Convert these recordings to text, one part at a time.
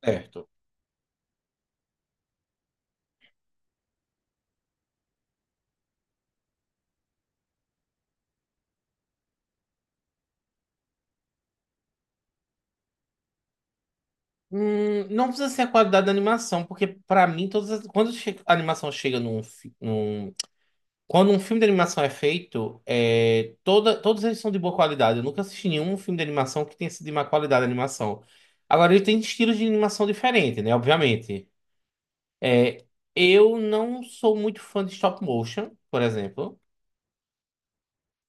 Certo. Não precisa ser a qualidade da animação, porque pra mim, quando che- a animação chega num, fi- num- quando um filme de animação é feito, todos eles são de boa qualidade. Eu nunca assisti nenhum filme de animação que tenha sido de má qualidade a animação. Agora, ele tem estilos de animação diferentes, né? Obviamente. É, eu não sou muito fã de stop motion, por exemplo.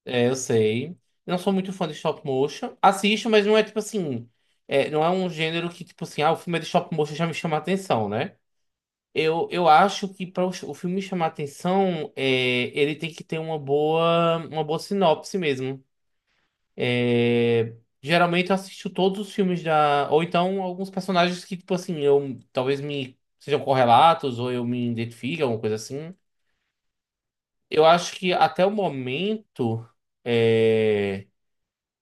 Eu sei. Não sou muito fã de stop motion. Assisto, mas não é tipo assim. Não é um gênero que, tipo assim, ah, o filme é de stop motion já me chama a atenção, né? Eu acho que para o filme chamar a atenção, ele tem que ter uma boa sinopse mesmo. É, Geralmente eu assisto todos os filmes da. Ou então alguns personagens que, tipo assim, eu talvez me sejam correlatos, ou eu me identifique, alguma coisa assim. Eu acho que até o momento. É...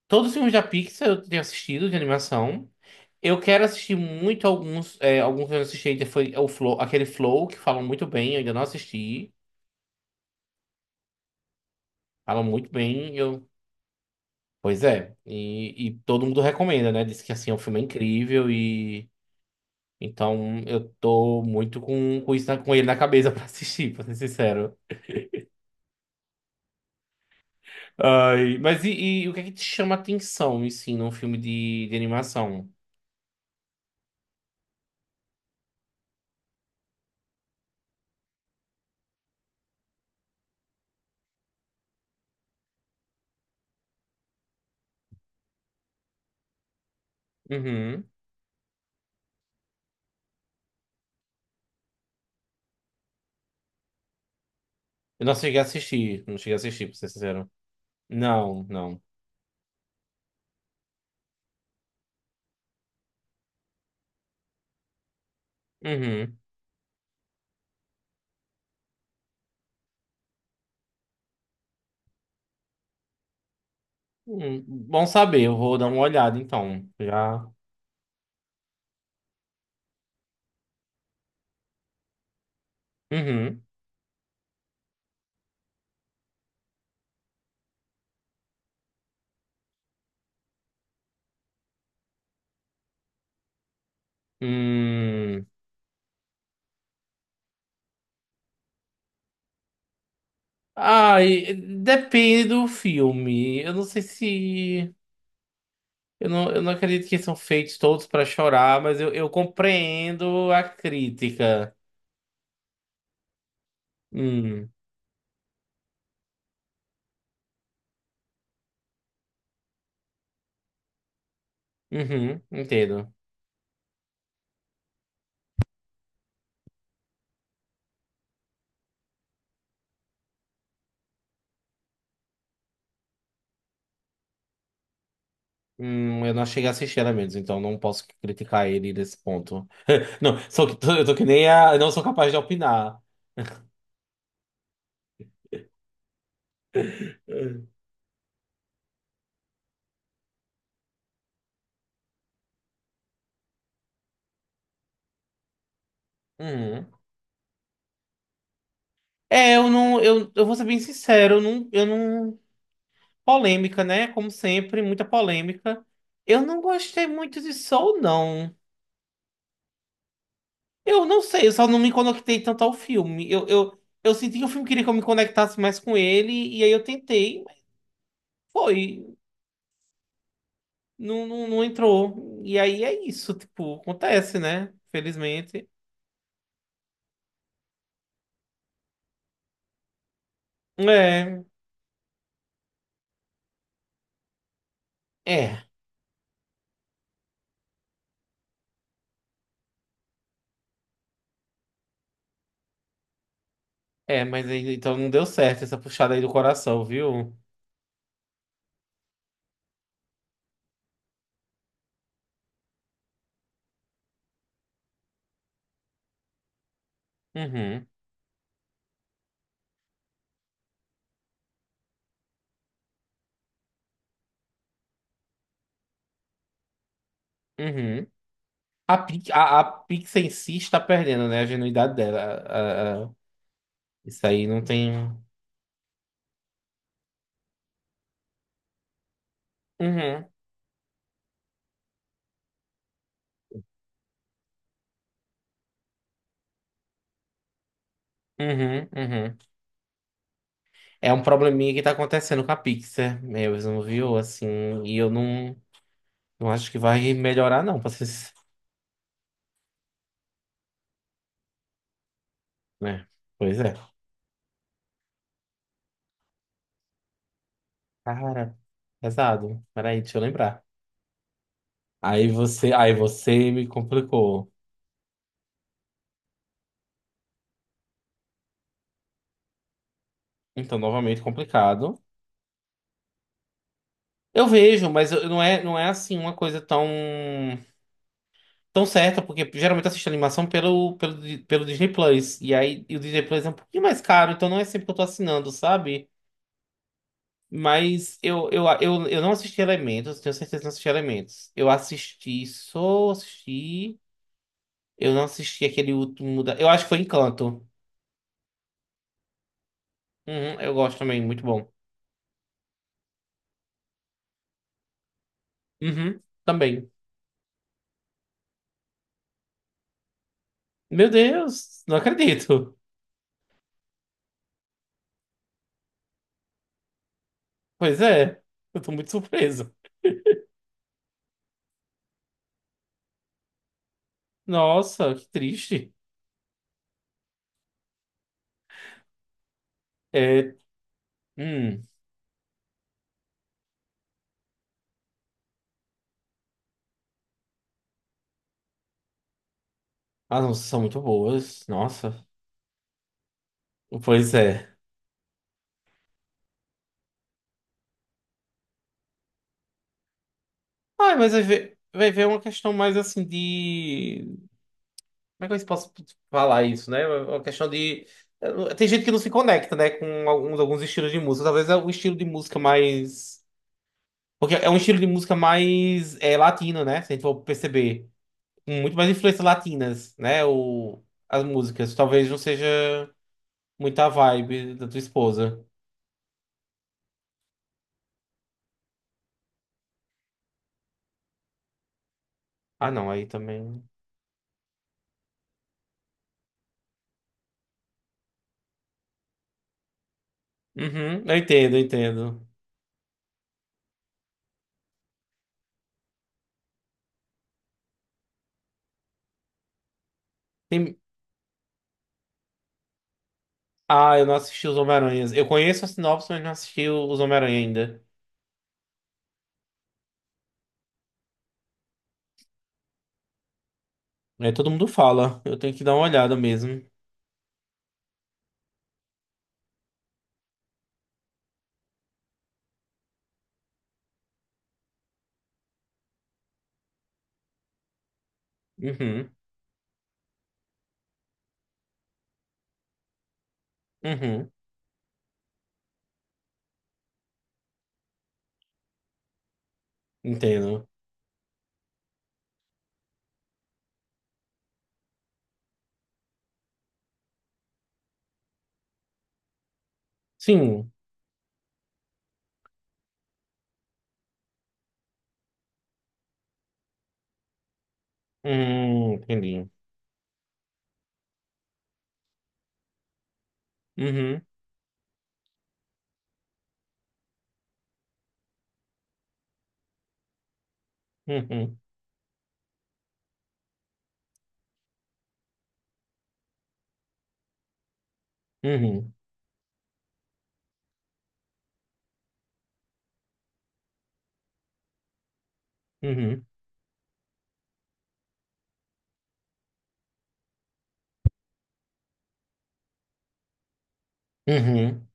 Todos os filmes da Pixar eu tenho assistido de animação. Eu quero assistir muito alguns. Alguns que eu não assisti ainda foi o Flow, aquele Flow que falam muito bem, eu ainda não assisti. Falam muito bem. Pois é. E todo mundo recomenda, né? Diz que assim, o filme é incrível. Então eu tô muito com ele na cabeça pra assistir, pra ser sincero. Ai, mas e o que é que te chama a atenção, assim, num filme de animação? Uhum. Eu não cheguei a assistir, não cheguei a assistir, pra ser sincero. Não, não. Uhum. Bom saber, eu vou dar uma olhada então. Já. Uhum. Hum. Ai, depende do filme. Eu não sei se. Eu não acredito que são feitos todos para chorar, mas eu compreendo a crítica. Hum. Uhum, entendo. Eu não cheguei a assistir a menos, então não posso criticar ele nesse ponto. Não, eu tô que nem a. Eu não sou capaz de opinar. Uhum. Eu não, eu vou ser bem sincero, eu não, polêmica, né? Como sempre, muita polêmica. Eu não gostei muito de Soul, não. Eu não sei, eu só não me conectei tanto ao filme. Eu senti que o filme queria que eu me conectasse mais com ele, e aí eu tentei, mas foi, não, não, não entrou. E aí é isso, tipo, acontece, né? Felizmente. É, é, é, mas aí, então não deu certo essa puxada aí do coração, viu? Uhum, uhum. A Pixar em si está perdendo, né? A genuidade dela. Isso aí não tem. Uhum, uhum, uhum. É um probleminha que tá acontecendo com a Pixar mesmo, viu? Assim, e eu não acho que vai melhorar, não, pra vocês. Né? Pois é. Cara, pesado. Peraí, deixa eu lembrar. Aí você me complicou. Então, novamente complicado. Eu vejo, mas não é assim uma coisa tão certa, porque geralmente eu assisto animação pelo Disney Plus. E aí o Disney Plus é um pouquinho mais caro, então não é sempre que eu tô assinando, sabe? Mas eu não assisti Elementos, tenho certeza que não assisti Elementos. Eu assisti, só assisti. Eu não assisti aquele último da. Eu acho que foi Encanto. Uhum, eu gosto também, muito bom. Uhum, também. Meu Deus, não acredito. Pois é, eu tô muito surpreso. Nossa, que triste. É, hum, as nossas são muito boas. Nossa. Pois é. Ah, mas vai ver uma questão mais assim de. Como é que eu posso falar isso, né? Uma questão de. Tem gente que não se conecta, né, com alguns estilos de música. Talvez é o estilo de música mais. Porque é um estilo de música mais latino, né? Se a gente for perceber. Com muito mais influências latinas, né? As músicas. Talvez não seja muita vibe da tua esposa. Ah, não, aí também. Uhum, eu entendo, eu entendo. Ah, eu não assisti os Homem-Aranhas. Eu conheço a sinopse, mas não assisti os Homem-Aranha ainda. Todo mundo fala. Eu tenho que dar uma olhada mesmo. Uhum, uhum, entendo. Sim. Entendi. Uhum, uhum, uhum, uhum, uhum.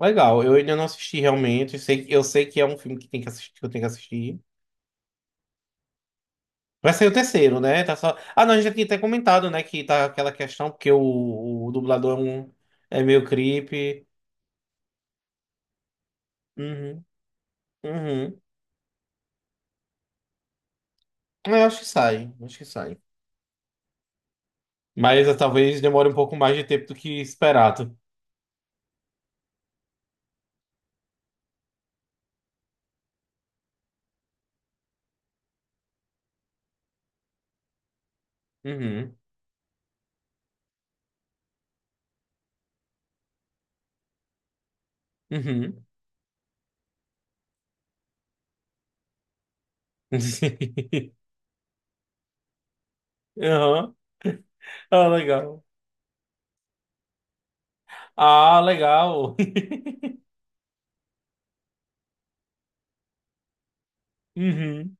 Legal, eu ainda não assisti realmente. Sei, eu sei que é um filme que tem que assistir, que eu tenho que assistir. Vai sair o terceiro, né? Ah, não, a gente já tinha até comentado, né? Que tá aquela questão, porque o dublador é meio creepy. Uhum, uhum. Eu acho que sai, acho que sai. Mas talvez demore um pouco mais de tempo do que esperado. Uhum, uhum. Aham. Ah, legal. Ah, legal. Uhum.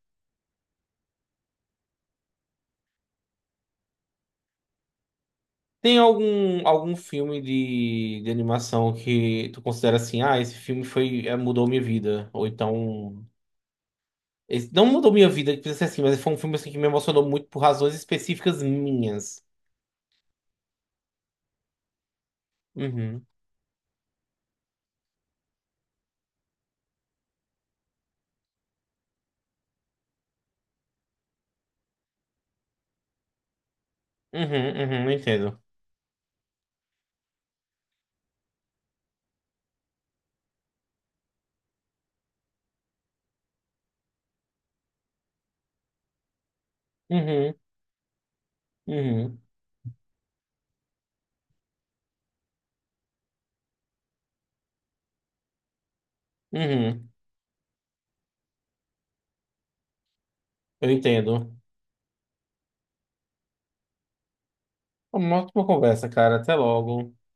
Tem algum filme de animação que tu considera assim, ah, esse filme mudou minha vida? Ou então, esse, não mudou minha vida, que precisa ser assim, mas foi um filme assim, que me emocionou muito por razões específicas minhas. Uhum, uhum, uhum, entendo. Uhum, uhum. Uhum, eu entendo. Uma ótima conversa, cara. Até logo.